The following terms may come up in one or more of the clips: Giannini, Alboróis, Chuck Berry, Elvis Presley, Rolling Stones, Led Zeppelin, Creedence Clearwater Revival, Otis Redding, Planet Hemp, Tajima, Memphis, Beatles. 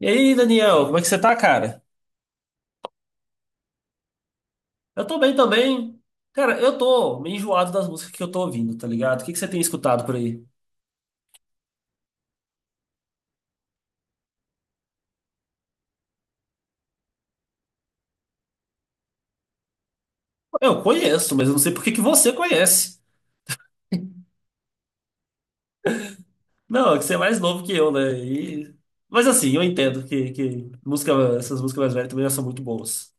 E aí, Daniel, como é que você tá, cara? Eu tô bem também. Cara, eu tô meio enjoado das músicas que eu tô ouvindo, tá ligado? O que você tem escutado por aí? Eu conheço, mas eu não sei por que você conhece. Não, é que você é mais novo que eu, né? E- Mas assim, eu entendo que música, essas músicas mais velhas também já são muito boas.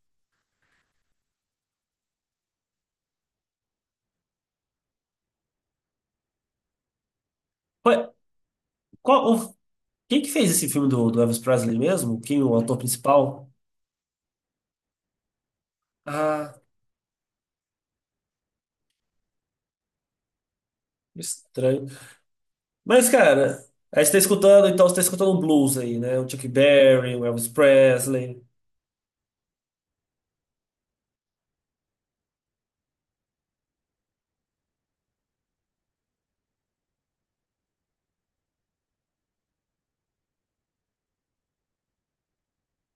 Ué, Qual, o- quem que fez esse filme do Elvis Presley mesmo? Quem é o ator principal? Ah, estranho. Mas, cara, aí você tá escutando, então você tá escutando um blues aí, né? O Chuck Berry, o Elvis Presley.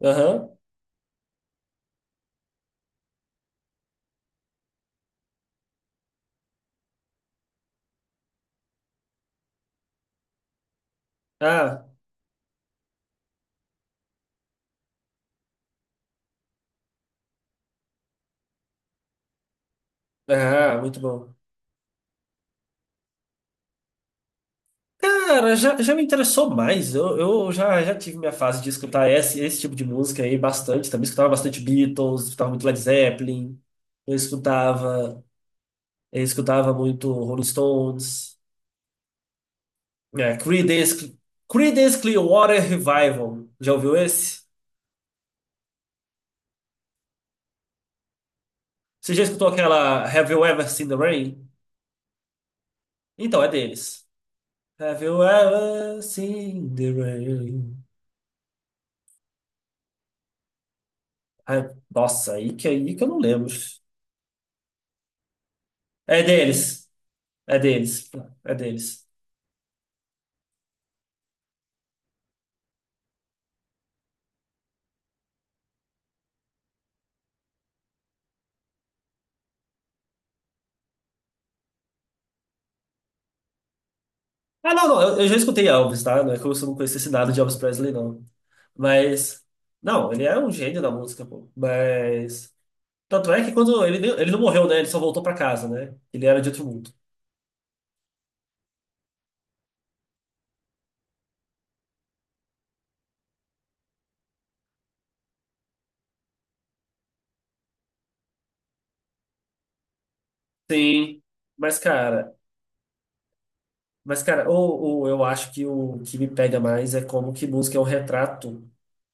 Aham. Ah, ah, muito bom. Cara, já, já me interessou mais. Eu, eu já tive minha fase de escutar esse tipo de música aí bastante. Também escutava bastante Beatles, escutava muito Led Zeppelin. Eu escutava, eu escutava muito Rolling Stones. É, Creedence, Creedence Clearwater Revival. Já ouviu esse? Você já escutou aquela Have You Ever Seen the Rain? Então, é deles. Have you ever seen the rain? Ai, nossa, aí que eu não lembro. É deles. É deles. É deles. Ah, não, não. Eu já escutei Elvis, tá? Não é como se eu não conhecesse nada de Elvis Presley, não. Mas. Não, ele é um gênio da música, pô. Mas. Tanto é que quando ele, nem- ele não morreu, né? Ele só voltou pra casa, né? Ele era de outro mundo. Sim. Mas, cara. Mas, cara, ou eu acho que o que me pega mais é como que música é um retrato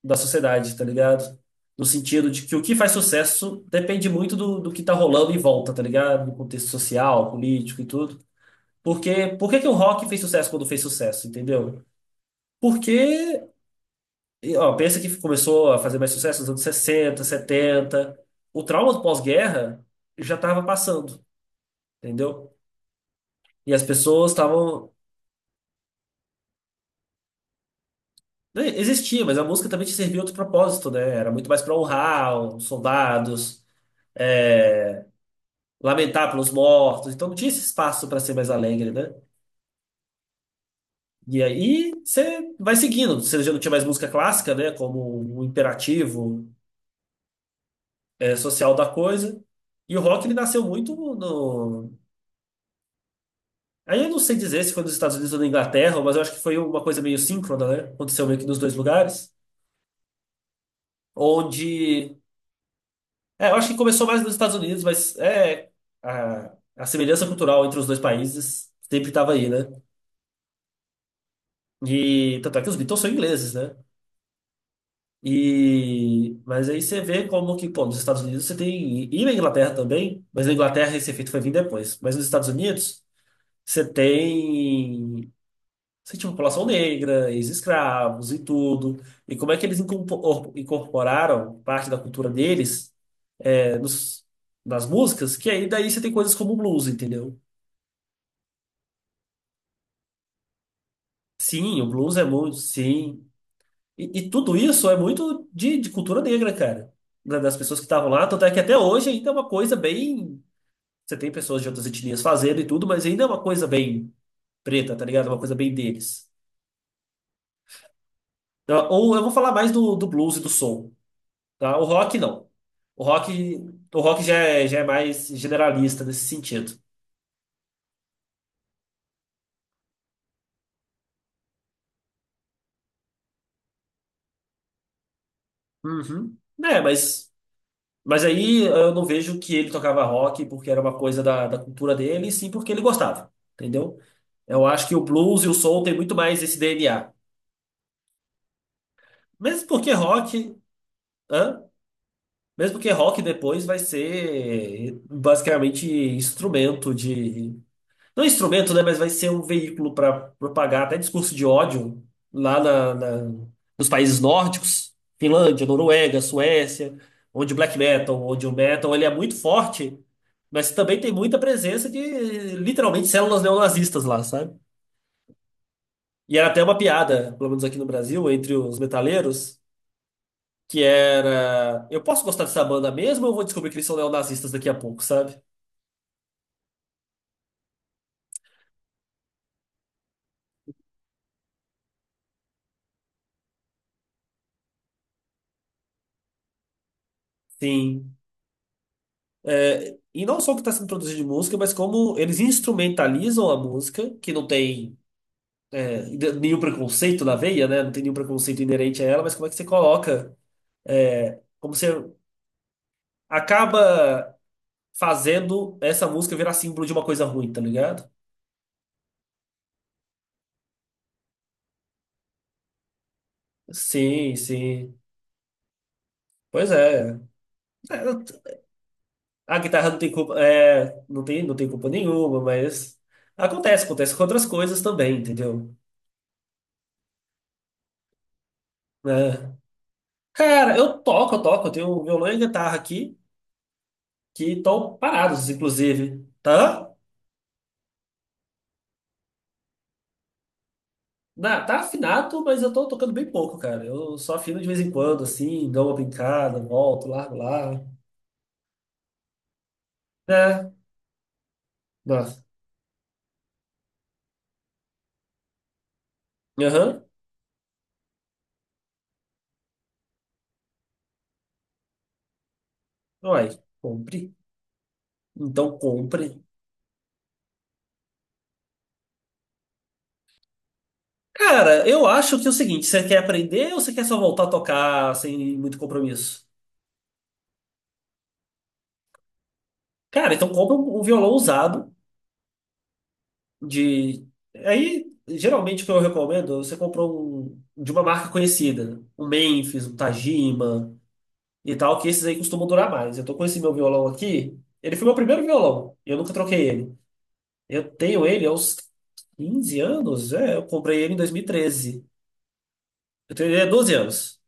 da sociedade, tá ligado? No sentido de que o que faz sucesso depende muito do que tá rolando em volta, tá ligado? No contexto social, político e tudo. Porque, por que o rock fez sucesso quando fez sucesso, entendeu? Porque, e, ó, pensa que começou a fazer mais sucesso nos anos 60 setenta. O trauma do pós-guerra já estava passando, entendeu? E as pessoas estavam. Né, existia, mas a música também te servia outro propósito, né? Era muito mais para honrar os soldados, é, lamentar pelos mortos. Então não tinha esse espaço para ser mais alegre, né? E aí você vai seguindo. Você já não tinha mais música clássica, né? Como um imperativo, é, social da coisa. E o rock ele nasceu muito no. Aí eu não sei dizer se foi nos Estados Unidos ou na Inglaterra, mas eu acho que foi uma coisa meio síncrona, né? Aconteceu meio que nos dois lugares, onde. É, eu acho que começou mais nos Estados Unidos, mas é a semelhança cultural entre os dois países sempre estava aí, né? E tanto é que os Beatles são ingleses, né? E mas aí você vê como que, pô, nos Estados Unidos você tem e na Inglaterra também, mas na Inglaterra esse efeito foi vir depois. Mas nos Estados Unidos você tem, você tinha população negra, ex-escravos e tudo. E como é que eles incorpor- incorporaram parte da cultura deles, é, nos, nas músicas? Que aí daí você tem coisas como o blues, entendeu? Sim, o blues é muito, sim. E tudo isso é muito de cultura negra, cara. Da- Das pessoas que estavam lá, tanto é que até hoje ainda é uma coisa bem. Você tem pessoas de outras etnias fazendo e tudo, mas ainda é uma coisa bem preta, tá ligado? É uma coisa bem deles. Então, ou eu vou falar mais do blues e do soul, tá? O rock não. O rock, o rock já é mais generalista nesse sentido. Uhum. É, mas. Mas aí eu não vejo que ele tocava rock porque era uma coisa da cultura dele, e sim porque ele gostava, entendeu? Eu acho que o blues e o soul tem muito mais esse DNA. Mesmo porque rock, hã? Mesmo porque rock depois vai ser basicamente instrumento de. Não é instrumento, né? Mas vai ser um veículo para propagar até discurso de ódio lá na, na- nos países nórdicos, Finlândia, Noruega, Suécia, onde o black metal, onde o metal ele é muito forte, mas também tem muita presença de literalmente células neonazistas lá, sabe? E era até uma piada, pelo menos aqui no Brasil, entre os metaleiros, que era: eu posso gostar dessa banda mesmo ou eu vou descobrir que eles são neonazistas daqui a pouco, sabe? Sim. É, e não só o que está sendo produzido de música, mas como eles instrumentalizam a música, que não tem, é, nenhum preconceito na veia, né? Não tem nenhum preconceito inerente a ela, mas como é que você coloca, é, como você acaba fazendo essa música virar símbolo de uma coisa ruim, tá ligado? Sim, sim. Pois é. É, a guitarra não tem culpa, é, não tem, não tem culpa nenhuma, mas acontece, acontece com outras coisas também, entendeu? É. Cara, eu toco, eu toco, eu tenho um violão e guitarra aqui. Que estão parados, inclusive. Tá? Na, tá afinado, mas eu tô tocando bem pouco, cara. Eu só afino de vez em quando, assim, dou uma brincada, volto, largo lá. É, nossa. Aham. Uai, compre. Então compre. Cara, eu acho que é o seguinte, você quer aprender ou você quer só voltar a tocar sem muito compromisso? Cara, então compra um, um violão usado de... Aí, geralmente o que eu recomendo, você compra um de uma marca conhecida. Um Memphis, um Tajima, e tal, que esses aí costumam durar mais. Eu tô com esse meu violão aqui. Ele foi meu primeiro violão. Eu nunca troquei ele. Eu tenho ele há uns 15 anos. É, eu comprei ele em 2013. Eu tenho ele há 12 anos.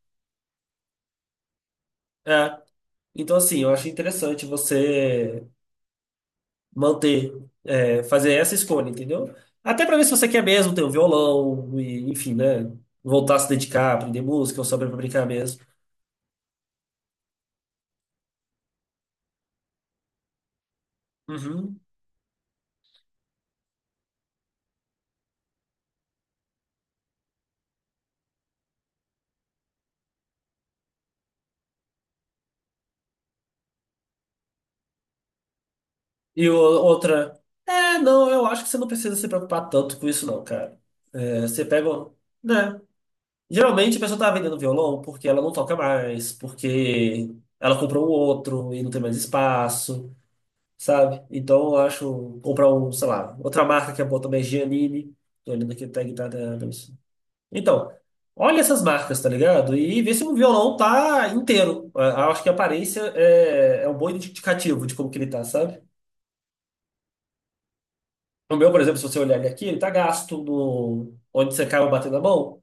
É. Então, assim, eu acho interessante você manter, é, fazer essa escolha, entendeu? Até pra ver se você quer mesmo ter um violão, e, enfim, né? Voltar a se dedicar, aprender música ou saber fabricar mesmo. Uhum. E o- outra, é, não, eu acho que você não precisa se preocupar tanto com isso, não, cara. É, você pega. Um- Né? Geralmente a pessoa tá vendendo violão porque ela não toca mais, porque ela comprou um outro e não tem mais espaço, sabe? Então eu acho. Comprar um, sei lá, outra marca que é boa também é Giannini. Tô olhando aqui o tag tá da. Da- Então, olha essas marcas, tá ligado? E vê se o violão tá inteiro. Eu acho que a aparência é, é um bom indicativo de como que ele tá, sabe? O meu, por exemplo, se você olhar ele aqui, ele tá gasto no... onde você acaba batendo a mão.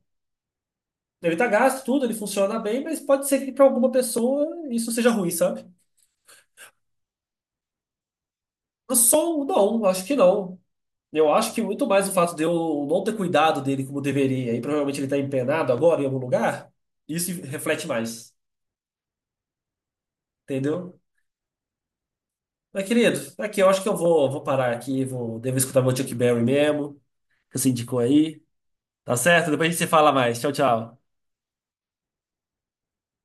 Ele tá gasto, tudo, ele funciona bem, mas pode ser que para alguma pessoa isso seja ruim, sabe? Eu sou, um não, acho que não. Eu acho que muito mais o fato de eu não ter cuidado dele como deveria, e provavelmente ele tá empenado agora em algum lugar, isso reflete mais, entendeu? Mas, querido, aqui eu acho que eu vou, vou parar aqui, vou, devo escutar meu Chuck Berry mesmo, que você indicou aí. Tá certo? Depois a gente se fala mais. Tchau, tchau.